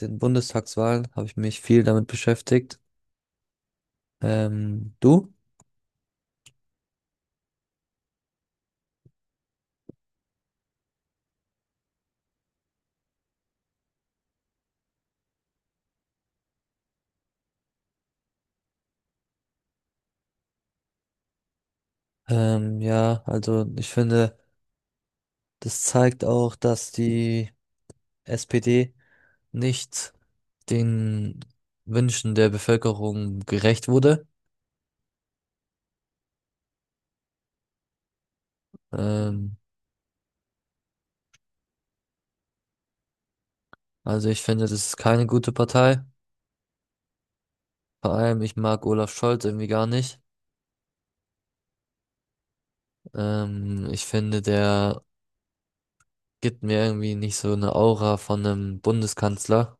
Den Bundestagswahlen habe ich mich viel damit beschäftigt. Du? Ja, also ich finde, das zeigt auch, dass die SPD nicht den Wünschen der Bevölkerung gerecht wurde. Ähm, also ich finde, das ist keine gute Partei. Vor allem, ich mag Olaf Scholz irgendwie gar nicht. Ich finde, der gibt mir irgendwie nicht so eine Aura von einem Bundeskanzler.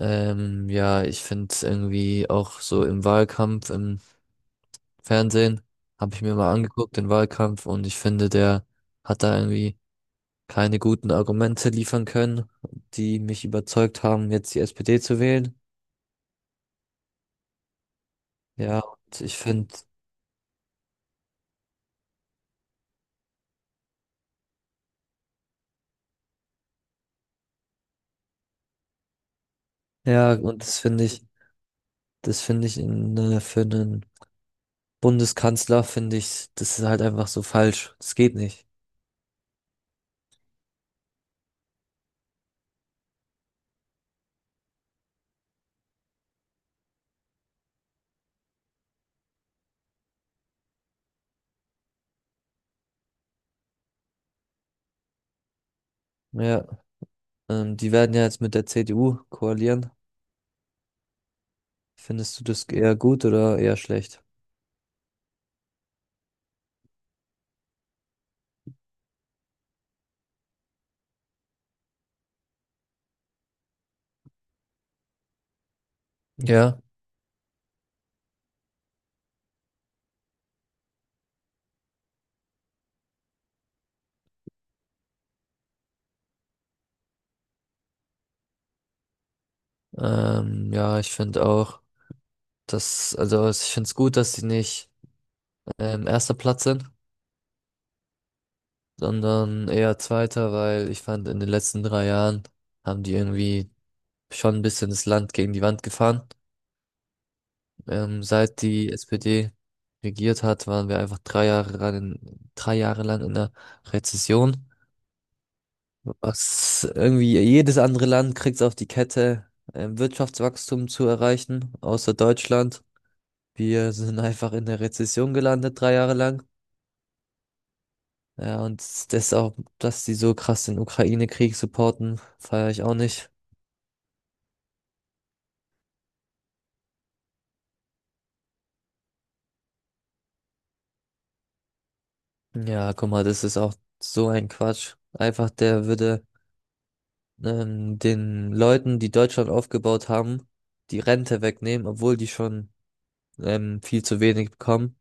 Ja, ich finde es irgendwie auch so im Wahlkampf, im Fernsehen, habe ich mir mal angeguckt, den Wahlkampf, und ich finde, der hat da irgendwie keine guten Argumente liefern können, die mich überzeugt haben, jetzt die SPD zu wählen. Ja, und ich finde, ja, und das finde ich für einen Bundeskanzler, finde ich, das ist halt einfach so falsch. Das geht nicht. Ja, die werden ja jetzt mit der CDU koalieren. Findest du das eher gut oder eher schlecht? Ja. Ja, ich finde auch, dass, also ich finde es gut, dass sie nicht erster Platz sind, sondern eher zweiter, weil ich fand, in den letzten 3 Jahren haben die irgendwie schon ein bisschen das Land gegen die Wand gefahren. Seit die SPD regiert hat, waren wir einfach drei Jahre lang in der Rezession. Was irgendwie jedes andere Land kriegt es auf die Kette, Wirtschaftswachstum zu erreichen, außer Deutschland. Wir sind einfach in der Rezession gelandet, 3 Jahre lang. Ja, und das auch, dass die so krass den Ukraine-Krieg supporten, feiere ich auch nicht. Ja, guck mal, das ist auch so ein Quatsch. Einfach, der würde den Leuten, die Deutschland aufgebaut haben, die Rente wegnehmen, obwohl die schon viel zu wenig bekommen,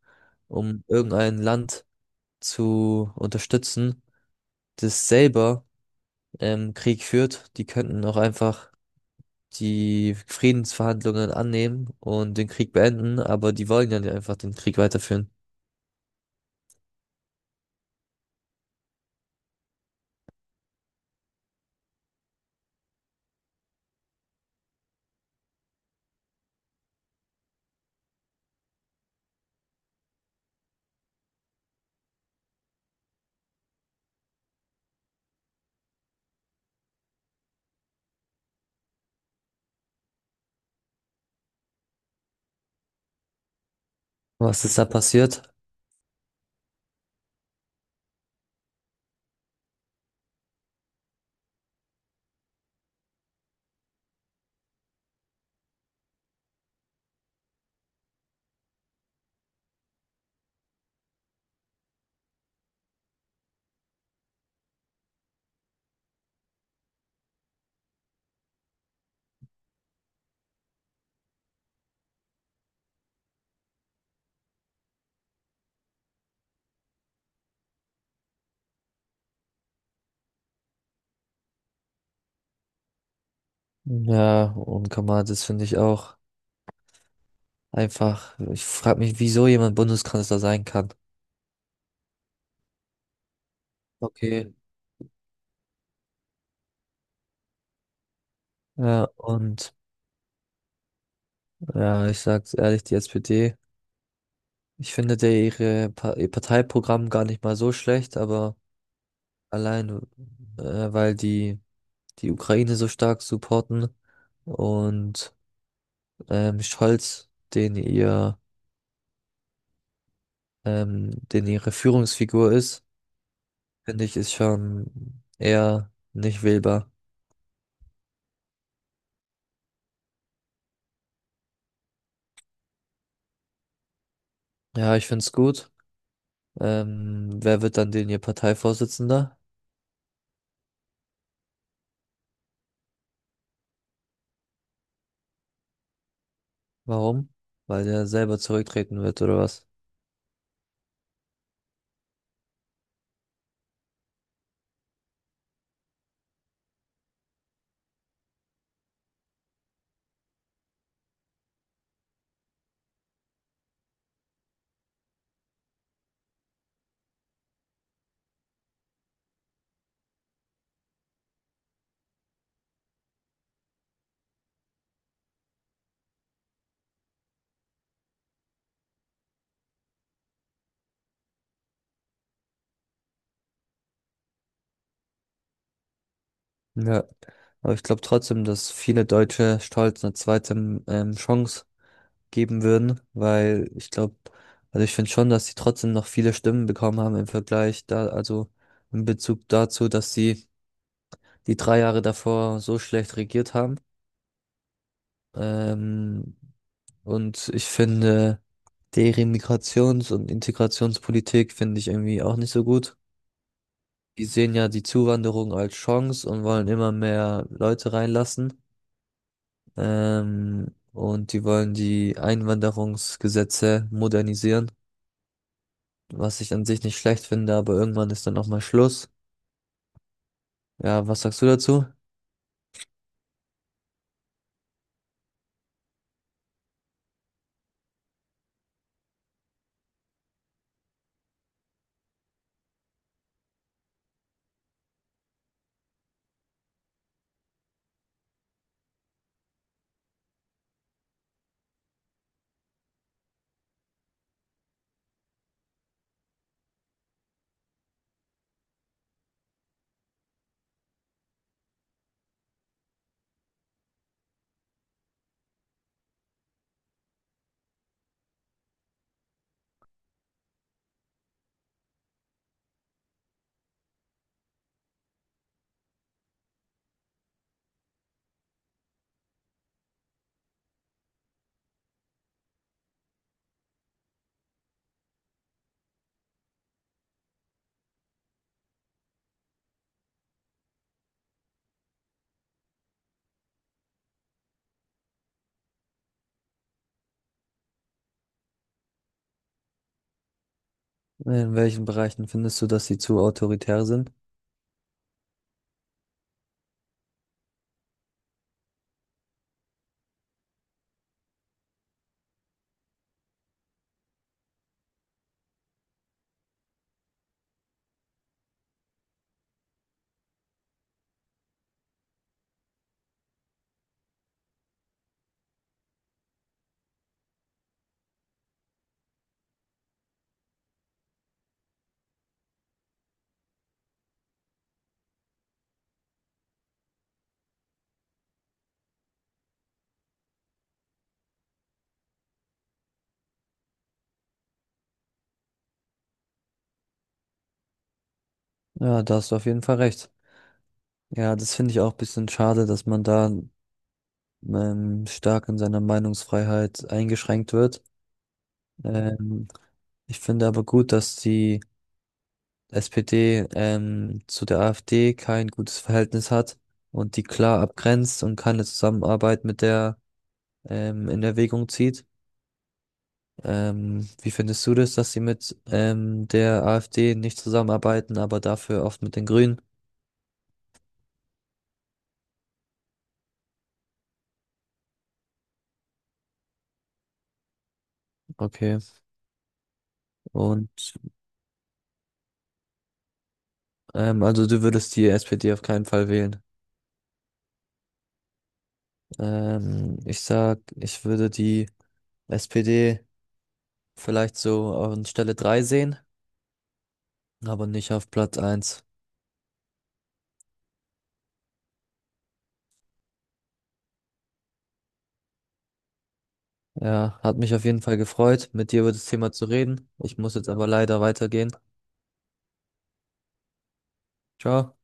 um irgendein Land zu unterstützen, das selber Krieg führt. Die könnten auch einfach die Friedensverhandlungen annehmen und den Krieg beenden, aber die wollen ja nicht einfach den Krieg weiterführen. Was ist da passiert? Ja, und Kamal, das finde ich auch einfach. Ich frage mich, wieso jemand Bundeskanzler sein kann. Okay. Ja, und ja, ich sag's ehrlich, die SPD, ich finde der ihre ihr Parteiprogramm gar nicht mal so schlecht, aber allein weil die die Ukraine so stark supporten und Scholz, den ihre Führungsfigur ist, finde ich, ist schon eher nicht wählbar. Ja, ich finde es gut. Wer wird dann denn ihr Parteivorsitzender? Warum? Weil der selber zurücktreten wird oder was? Ja, aber ich glaube trotzdem, dass viele Deutsche Stolz eine zweite Chance geben würden, weil ich glaube, also ich finde schon, dass sie trotzdem noch viele Stimmen bekommen haben im Vergleich da, also in Bezug dazu, dass sie die 3 Jahre davor so schlecht regiert haben. Ähm, und ich finde, deren Migrations- und Integrationspolitik finde ich irgendwie auch nicht so gut. Die sehen ja die Zuwanderung als Chance und wollen immer mehr Leute reinlassen. Und die wollen die Einwanderungsgesetze modernisieren, was ich an sich nicht schlecht finde, aber irgendwann ist dann auch mal Schluss. Ja, was sagst du dazu? In welchen Bereichen findest du, dass sie zu autoritär sind? Ja, da hast du auf jeden Fall recht. Ja, das finde ich auch ein bisschen schade, dass man da stark in seiner Meinungsfreiheit eingeschränkt wird. Ähm, Ich finde aber gut, dass die SPD zu der AfD kein gutes Verhältnis hat und die klar abgrenzt und keine Zusammenarbeit mit der in Erwägung zieht. Wie findest du das, dass sie mit der AfD nicht zusammenarbeiten, aber dafür oft mit den Grünen? Okay. Und also du würdest die SPD auf keinen Fall wählen. Ich sag, ich würde die SPD vielleicht so an Stelle 3 sehen, aber nicht auf Platz eins. Ja, hat mich auf jeden Fall gefreut, mit dir über das Thema zu reden. Ich muss jetzt aber leider weitergehen. Ciao.